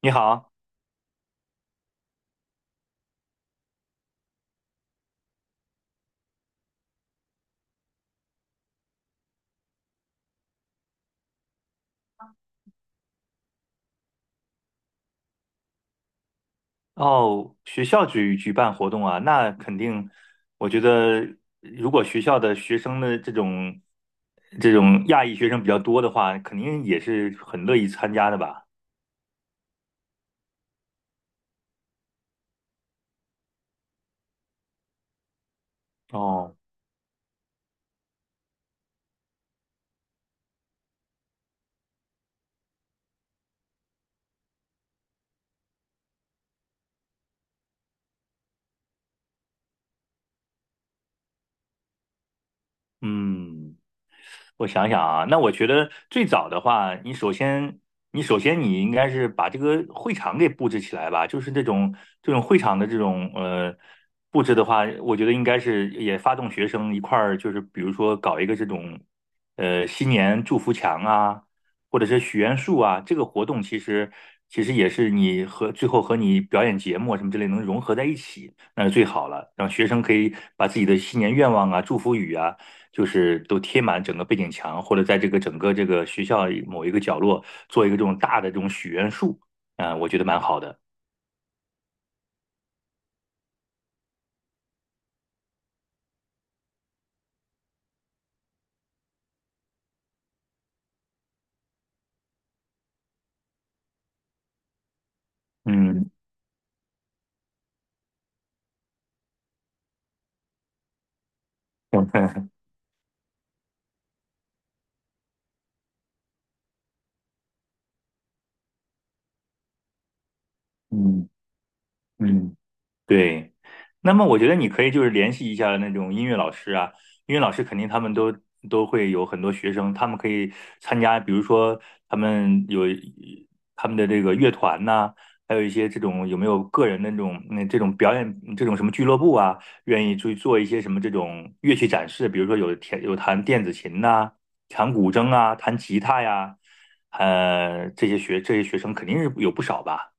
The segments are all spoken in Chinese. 你好，哦，学校办活动啊，那肯定，我觉得如果学校的学生的这种亚裔学生比较多的话，肯定也是很乐意参加的吧？哦，嗯。我想想啊，那我觉得最早的话，你首先，你应该是把这个会场给布置起来吧，就是这种会场的这种布置的话，我觉得应该是也发动学生一块儿，就是比如说搞一个这种新年祝福墙啊，或者是许愿树啊，这个活动其实也是你和最后和你表演节目啊什么之类能融合在一起，那是最好了，让学生可以把自己的新年愿望啊、祝福语啊。就是都贴满整个背景墙，或者在这个整个这个学校某一个角落做一个这种大的这种许愿树，啊、我觉得蛮好的。嗯 嗯嗯。对，那么我觉得你可以就是联系一下那种音乐老师啊，音乐老师肯定他们都会有很多学生，他们可以参加，比如说他们有他们的这个乐团呐、还有一些这种有没有个人的那种这种表演这种什么俱乐部啊，愿意去做一些什么这种乐器展示，比如说有弹电子琴呐、弹古筝啊、弹吉他呀，这些学生肯定是有不少吧。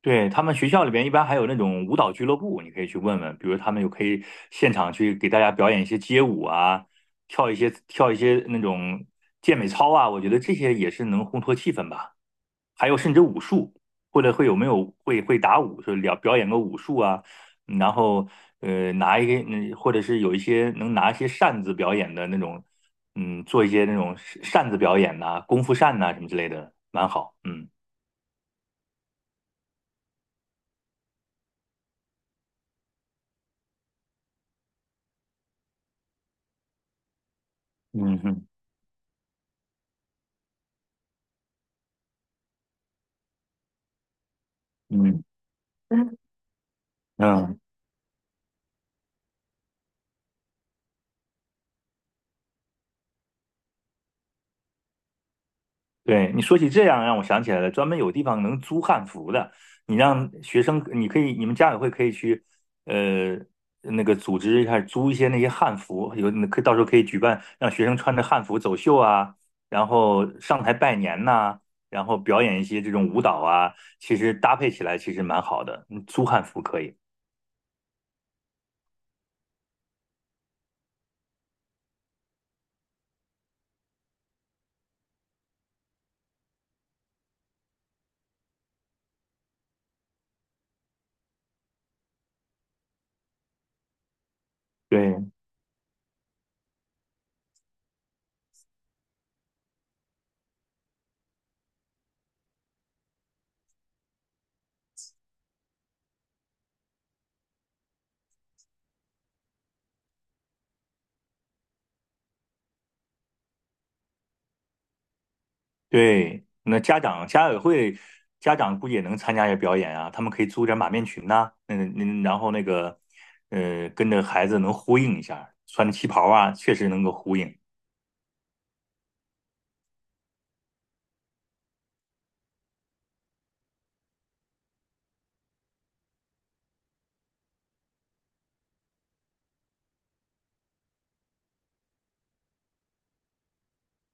对，他们学校里边一般还有那种舞蹈俱乐部，你可以去问问，比如他们有可以现场去给大家表演一些街舞啊，跳一些那种健美操啊，我觉得这些也是能烘托气氛吧。还有甚至武术，或者会有没有会打武，就表演个武术啊，然后拿一个，或者是有一些能拿一些扇子表演的那种，做一些那种扇子表演呐、功夫扇呐、什么之类的，蛮好，嗯嗯嗯嗯。嗯，对，你说起这样，让我想起来了，专门有地方能租汉服的。你让学生，你可以，你们家委会可以去，呃，那个组织一下租一些那些汉服，有那可以到时候可以举办让学生穿着汉服走秀啊，然后上台拜年呐、然后表演一些这种舞蹈啊，其实搭配起来其实蛮好的。嗯租汉服可以。对，对，那家委会家长估计也能参加一下表演啊，他们可以租点马面裙呐、然后那个跟着孩子能呼应一下，穿着旗袍啊，确实能够呼应。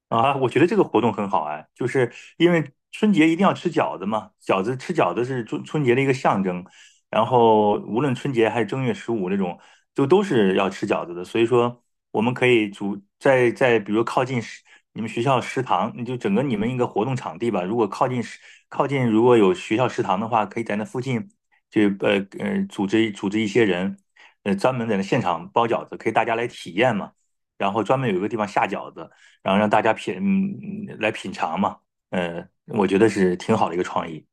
啊，我觉得这个活动很好哎，就是因为春节一定要吃饺子嘛，吃饺子是春节的一个象征，然后无论春节还是正月十五那种，就都是要吃饺子的，所以说我们可以在比如靠近你们学校食堂，你就整个你们一个活动场地吧，如果靠近如果有学校食堂的话，可以在那附近就组织组织一些人，专门在那现场包饺子，可以大家来体验嘛。然后专门有一个地方下饺子，然后让大家来品尝嘛，我觉得是挺好的一个创意。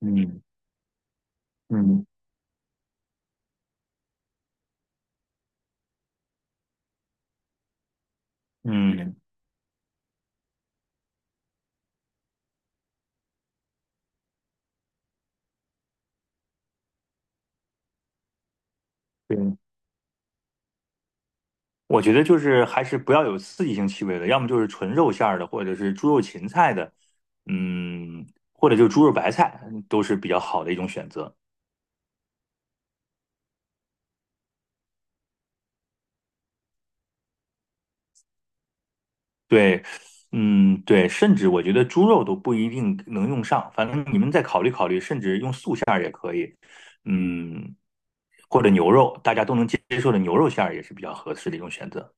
嗯嗯嗯，对，我觉得就是还是不要有刺激性气味的，要么就是纯肉馅儿的，或者是猪肉芹菜的，嗯，或者就猪肉白菜都是比较好的一种选择。对，嗯对，甚至我觉得猪肉都不一定能用上，反正你们再考虑考虑，甚至用素馅儿，嗯，或者牛肉，大家都能接受的牛肉馅儿也是比较合适的一种选择。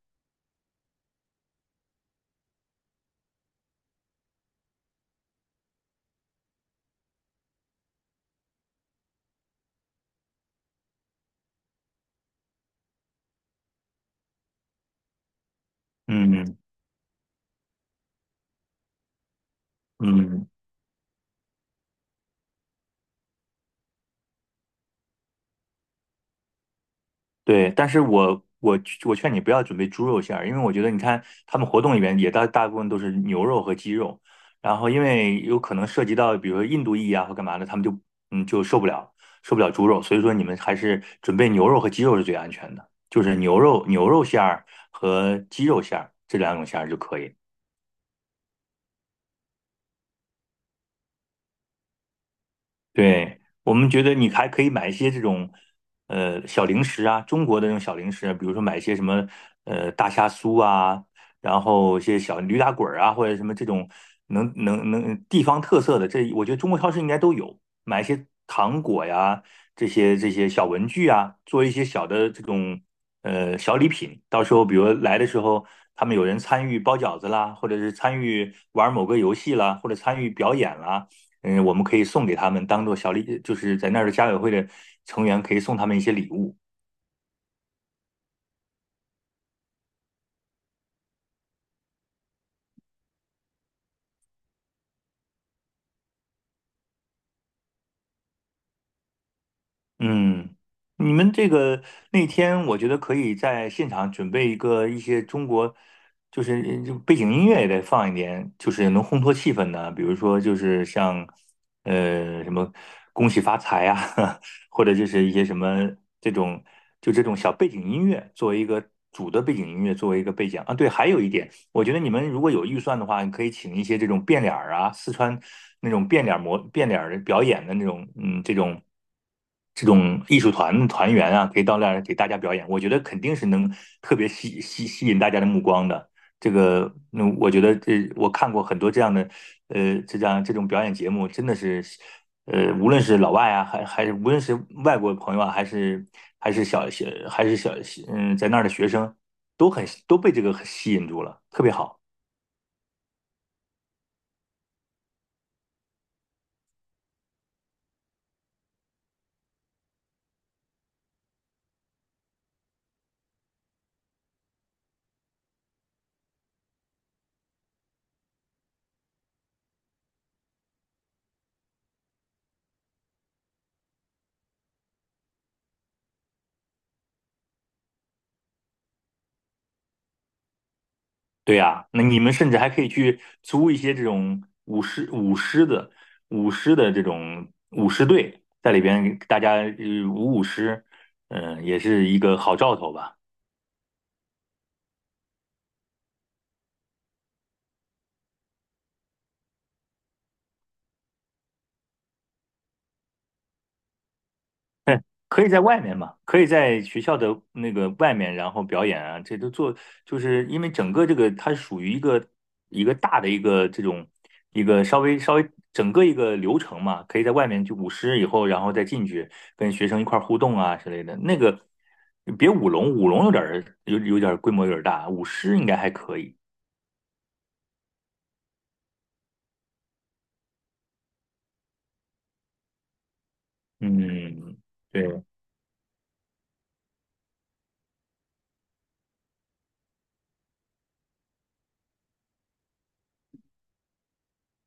嗯。嗯，对，但是我劝你不要准备猪肉馅儿，因为我觉得你看他们活动里面也大部分都是牛肉和鸡肉，然后因为有可能涉及到比如说印度裔啊或干嘛的，他们就嗯就受不了受不了猪肉，所以说你们还是准备牛肉和鸡肉是最安全的，就是牛肉馅儿和鸡肉馅儿这两种馅儿就可以。对，我们觉得你还可以买一些这种，小零食啊，中国的这种小零食，比如说买一些什么，大虾酥啊，然后一些小驴打滚儿啊，或者什么这种能地方特色的，这我觉得中国超市应该都有，买一些糖果呀，这些小文具啊，做一些小的这种小礼品，到时候比如来的时候，他们有人参与包饺子啦，或者是参与玩某个游戏啦，或者参与表演啦。我们可以送给他们当做小礼，就是在那儿的家委会的成员可以送他们一些礼物。嗯，你们这个那天，我觉得可以在现场准备一些中国，就是背景音乐也得放一点，就是能烘托气氛的，比如说就是像什么恭喜发财啊，或者就是一些什么这种这种小背景音乐作为一个主的背景音乐作为一个背景啊。对，还有一点，我觉得你们如果有预算的话，你可以请一些这种变脸儿啊，四川那种变脸儿表演的那种，这种。这种艺术团团员啊，可以到那儿给大家表演，我觉得肯定是能特别吸引大家的目光的。这个，那我觉得我看过很多这样的，这样这种表演节目，真的是，无论是老外啊，还是无论是外国朋友啊，还是还是小小还是小，在那儿的学生，都被这个吸引住了，特别好。对呀，那你们甚至还可以去租一些这种舞狮的这种舞狮队，在里边给大家舞狮，也是一个好兆头吧。可以在外面嘛，可以在学校的那个外面，然后表演啊，这都做，就是因为整个这个它属于一个大的一个这种一个稍微整个一个流程嘛，可以在外面就舞狮以后，然后再进去跟学生一块儿互动啊之类的。那个别舞龙，舞龙有点儿规模有点儿大，舞狮应该还可以。嗯，对，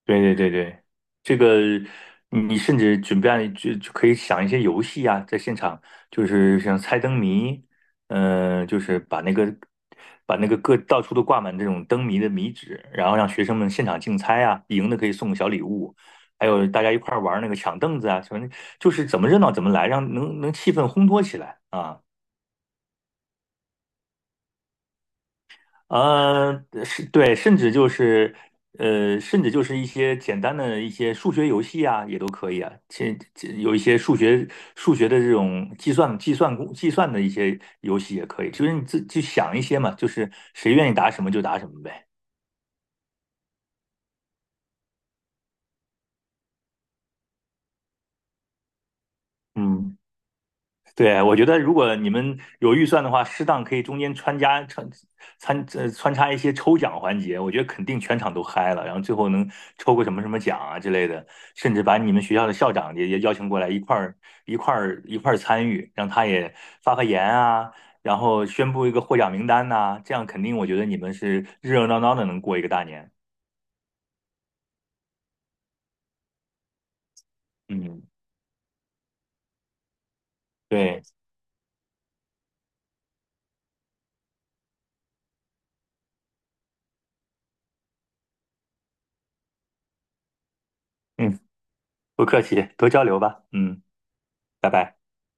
对对对对，这个你甚至准备就可以想一些游戏啊，在现场就是像猜灯谜，就是把那个各到处都挂满这种灯谜的谜纸，然后让学生们现场竞猜啊，赢的可以送个小礼物，还有大家一块儿玩那个抢凳子啊，什么就是怎么热闹怎么来，让能气氛烘托起来啊。是对，甚至就是，甚至就是一些简单的一些数学游戏啊，也都可以啊。有一些数学的这种计算的一些游戏也可以，就是你自己去想一些嘛，就是谁愿意答什么就答什么呗。嗯。对，我觉得如果你们有预算的话，适当可以中间穿插一些抽奖环节，我觉得肯定全场都嗨了，然后最后能抽个什么什么奖啊之类的，甚至把你们学校的校长也邀请过来一块儿参与，让他也发言啊，然后宣布一个获奖名单呐、这样肯定我觉得你们是热热闹闹的能过一个大年。嗯，对，嗯，不客气，多交流吧。嗯，拜拜。